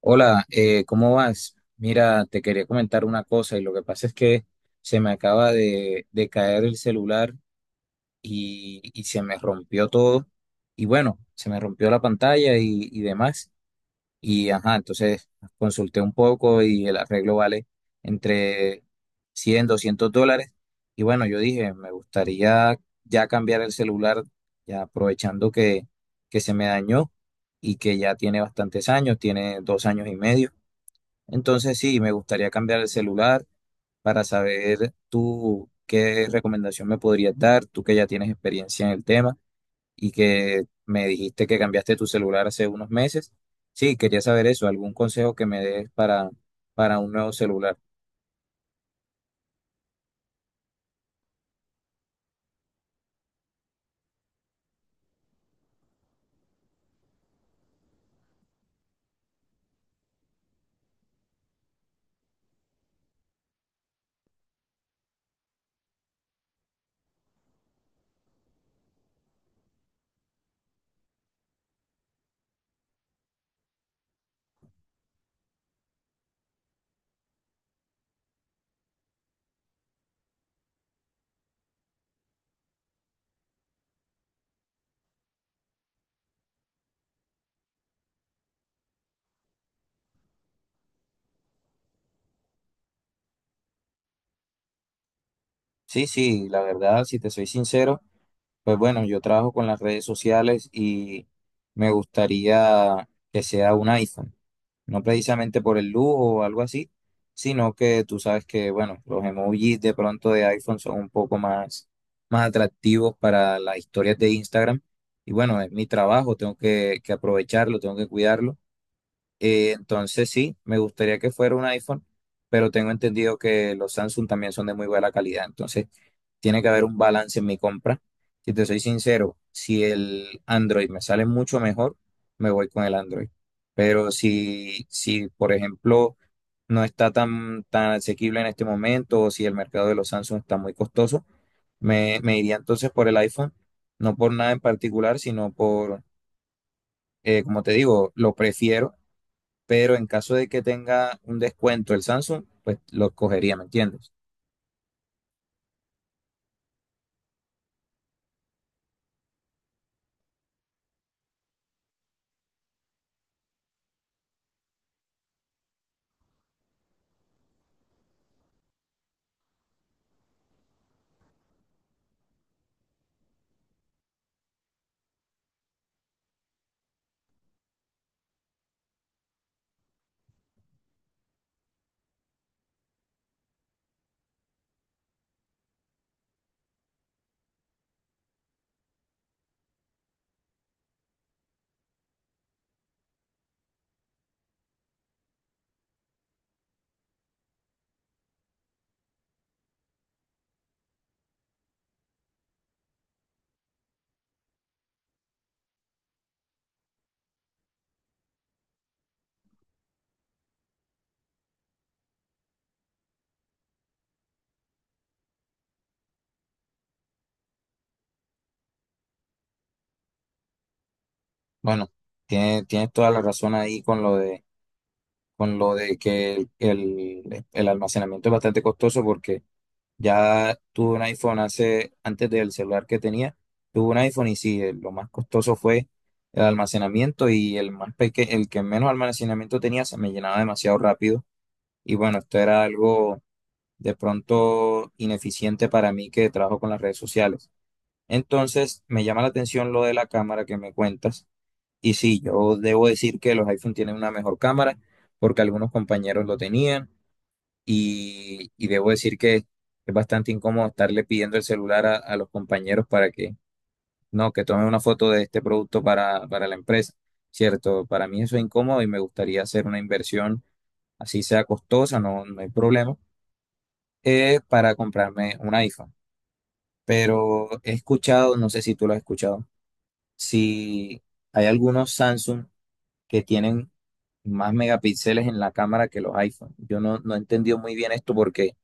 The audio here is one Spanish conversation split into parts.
Hola, ¿cómo vas? Mira, te quería comentar una cosa y lo que pasa es que se me acaba de caer el celular y se me rompió todo y bueno, se me rompió la pantalla y demás y ajá, entonces consulté un poco y el arreglo vale entre 100 $200 y bueno, yo dije, me gustaría ya cambiar el celular ya aprovechando que se me dañó y que ya tiene bastantes años, tiene 2 años y medio. Entonces sí, me gustaría cambiar el celular para saber tú qué recomendación me podrías dar, tú que ya tienes experiencia en el tema y que me dijiste que cambiaste tu celular hace unos meses. Sí, quería saber eso, algún consejo que me des para un nuevo celular. Sí, sí, la verdad, si te soy sincero. Pues bueno, yo trabajo con las redes sociales y me gustaría que sea un iPhone. No precisamente por el lujo o algo así, sino que tú sabes que, bueno, los emojis de pronto de iPhone son un poco más atractivos para las historias de Instagram. Y bueno, es mi trabajo, tengo que aprovecharlo, tengo que cuidarlo. Entonces sí, me tiene que haber un balance en mi compra. Si te soy sincero, si el Android me sale mucho mejor, me voy con el Android. Pero si por ejemplo, no está tan asequible en este momento o si el mercado de los Samsung está muy costoso, me iría entonces por el iPhone. No por nada en particular, sino por, como te digo, lo prefiero. Pero en caso de que tenga un descuento el Samsung, pues lo cogería, ¿me entiendes? Bueno, tienes toda la razón ahí con lo de que el almacenamiento es bastante costoso porque ya tuve un iPhone hace, antes del celular que tenía, tuve un iPhone y sí, lo más costoso fue el almacenamiento y el más el que menos almacenamiento tenía se me llenaba demasiado rápido y bueno, esto era algo de pronto ineficiente para mí que trabajo con las redes sociales. Entonces, me llama la atención lo de la cámara que me cuentas. Y sí, yo debo decir que los iPhone tienen una mejor cámara porque algunos compañeros lo tenían y debo decir que es bastante incómodo estarle pidiendo el celular a los compañeros para que, no, que tomen una foto de este producto para la empresa. Cierto, para mí eso es incómodo y me gustaría hacer una inversión, así sea costosa, no, no hay problema, para comprarme un iPhone. Pero he escuchado, no sé si tú lo has escuchado, si hay algunos Samsung que tienen más megapíxeles en la cámara que los iPhone. Yo no he entendido muy bien esto porque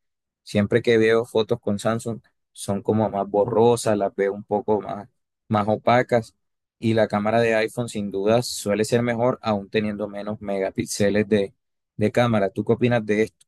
siempre que veo fotos con Samsung son como más borrosas, las veo un poco más opacas y la cámara de iPhone sin duda suele ser mejor aún teniendo menos megapíxeles de cámara. ¿Tú qué opinas de esto?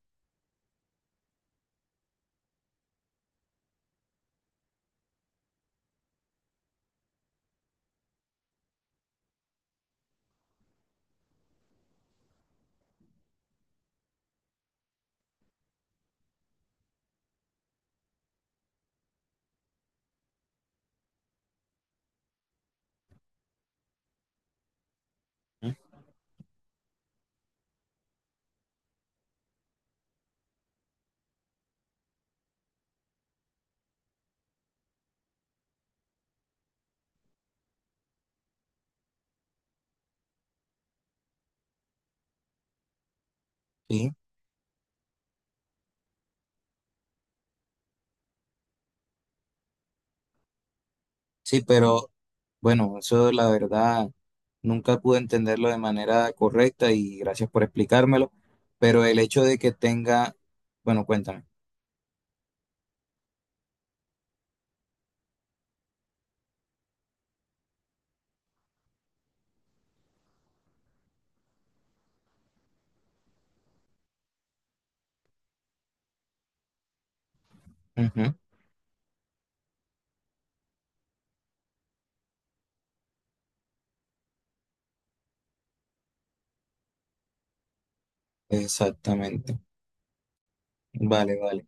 ¿Mm? Sí, sí, pero bueno, eso la verdad nunca pude entenderlo de manera correcta y gracias por explicármelo, pero el hecho de que tenga, bueno, cuéntame. Ujú. Exactamente. Vale, vale.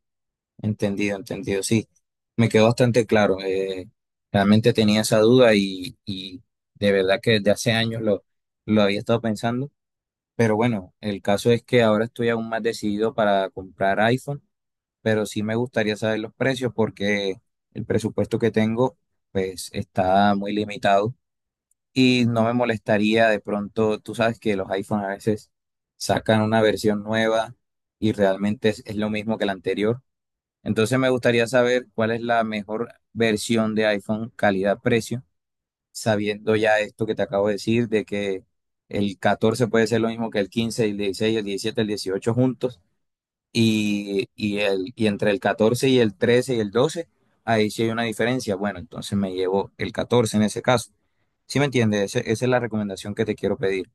Entendido, entendido. Sí, me quedó bastante claro. Realmente tenía esa duda y de verdad que desde hace años lo había estado pensando. Pero bueno, el caso es que ahora estoy aún más decidido para comprar iPhone, pero sí me gustaría saber los precios porque el presupuesto que tengo pues está muy limitado. Y no me molestaría de pronto, tú sabes que los iPhone a veces sacan una versión nueva y realmente es lo mismo que la anterior. Entonces me gustaría saber cuál es la mejor versión de iPhone calidad-precio, sabiendo ya esto que te acabo de decir, de que el 14 puede ser lo mismo que el 15, el 16, el 17, el 18 juntos y entre el 14 y el 13 y el 12 ahí sí hay una diferencia. Bueno, entonces me llevo el 14 en ese caso. ¿Sí me entiendes? Esa es la recomendación que te quiero pedir.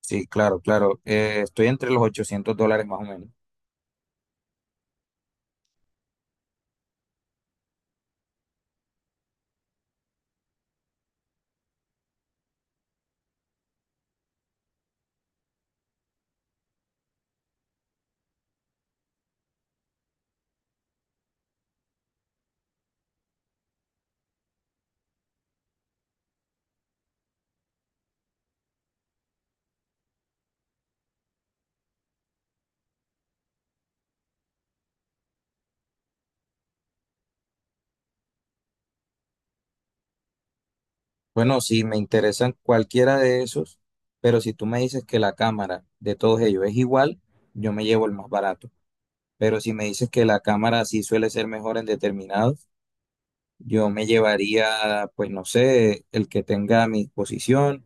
Sí, claro, claro. Estoy entre los $800 más o menos. Bueno, sí, me interesan cualquiera de esos, pero si tú me dices que la cámara de todos ellos es igual, yo me llevo el más barato. Pero si me dices que la cámara sí suele ser mejor en determinados, yo me llevaría, pues no sé, el que tenga a mi disposición,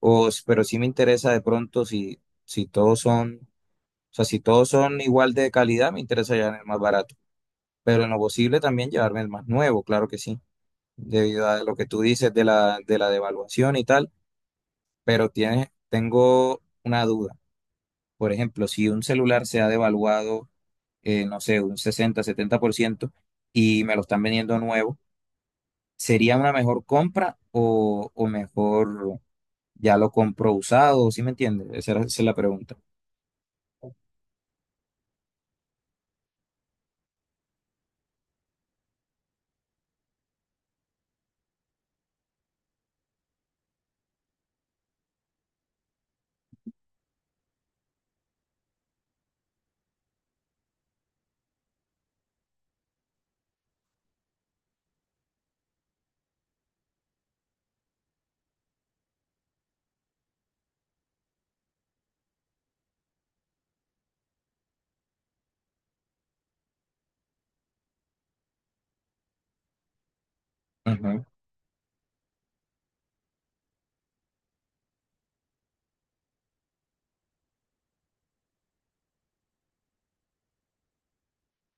o, pero sí me interesa de pronto si, si todos son, o sea, si todos son igual de calidad, me interesa llevar el más barato, pero en lo posible también llevarme el más nuevo, claro que sí, debido a lo que tú dices de de la devaluación y tal, pero tengo una duda. Por ejemplo, si un celular se ha devaluado, no sé, un 60-70% y me lo están vendiendo nuevo, ¿sería una mejor compra o mejor ya lo compro usado? ¿Sí me entiendes? Esa es la pregunta. Ujú.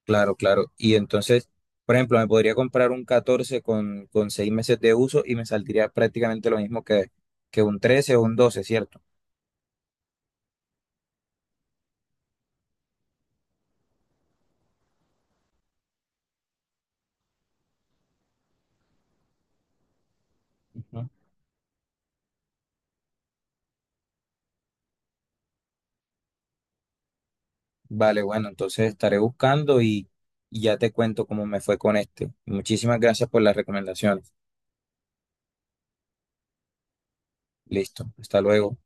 Claro, claro. Y entonces, por ejemplo, me podría comprar un 14 con 6 meses de uso y me saldría prácticamente lo mismo que un 13 o un 12, ¿cierto? Ujú. Vale, bueno, entonces estaré buscando y ya te cuento cómo me fue con este. Muchísimas gracias por las recomendaciones. Listo, hasta luego.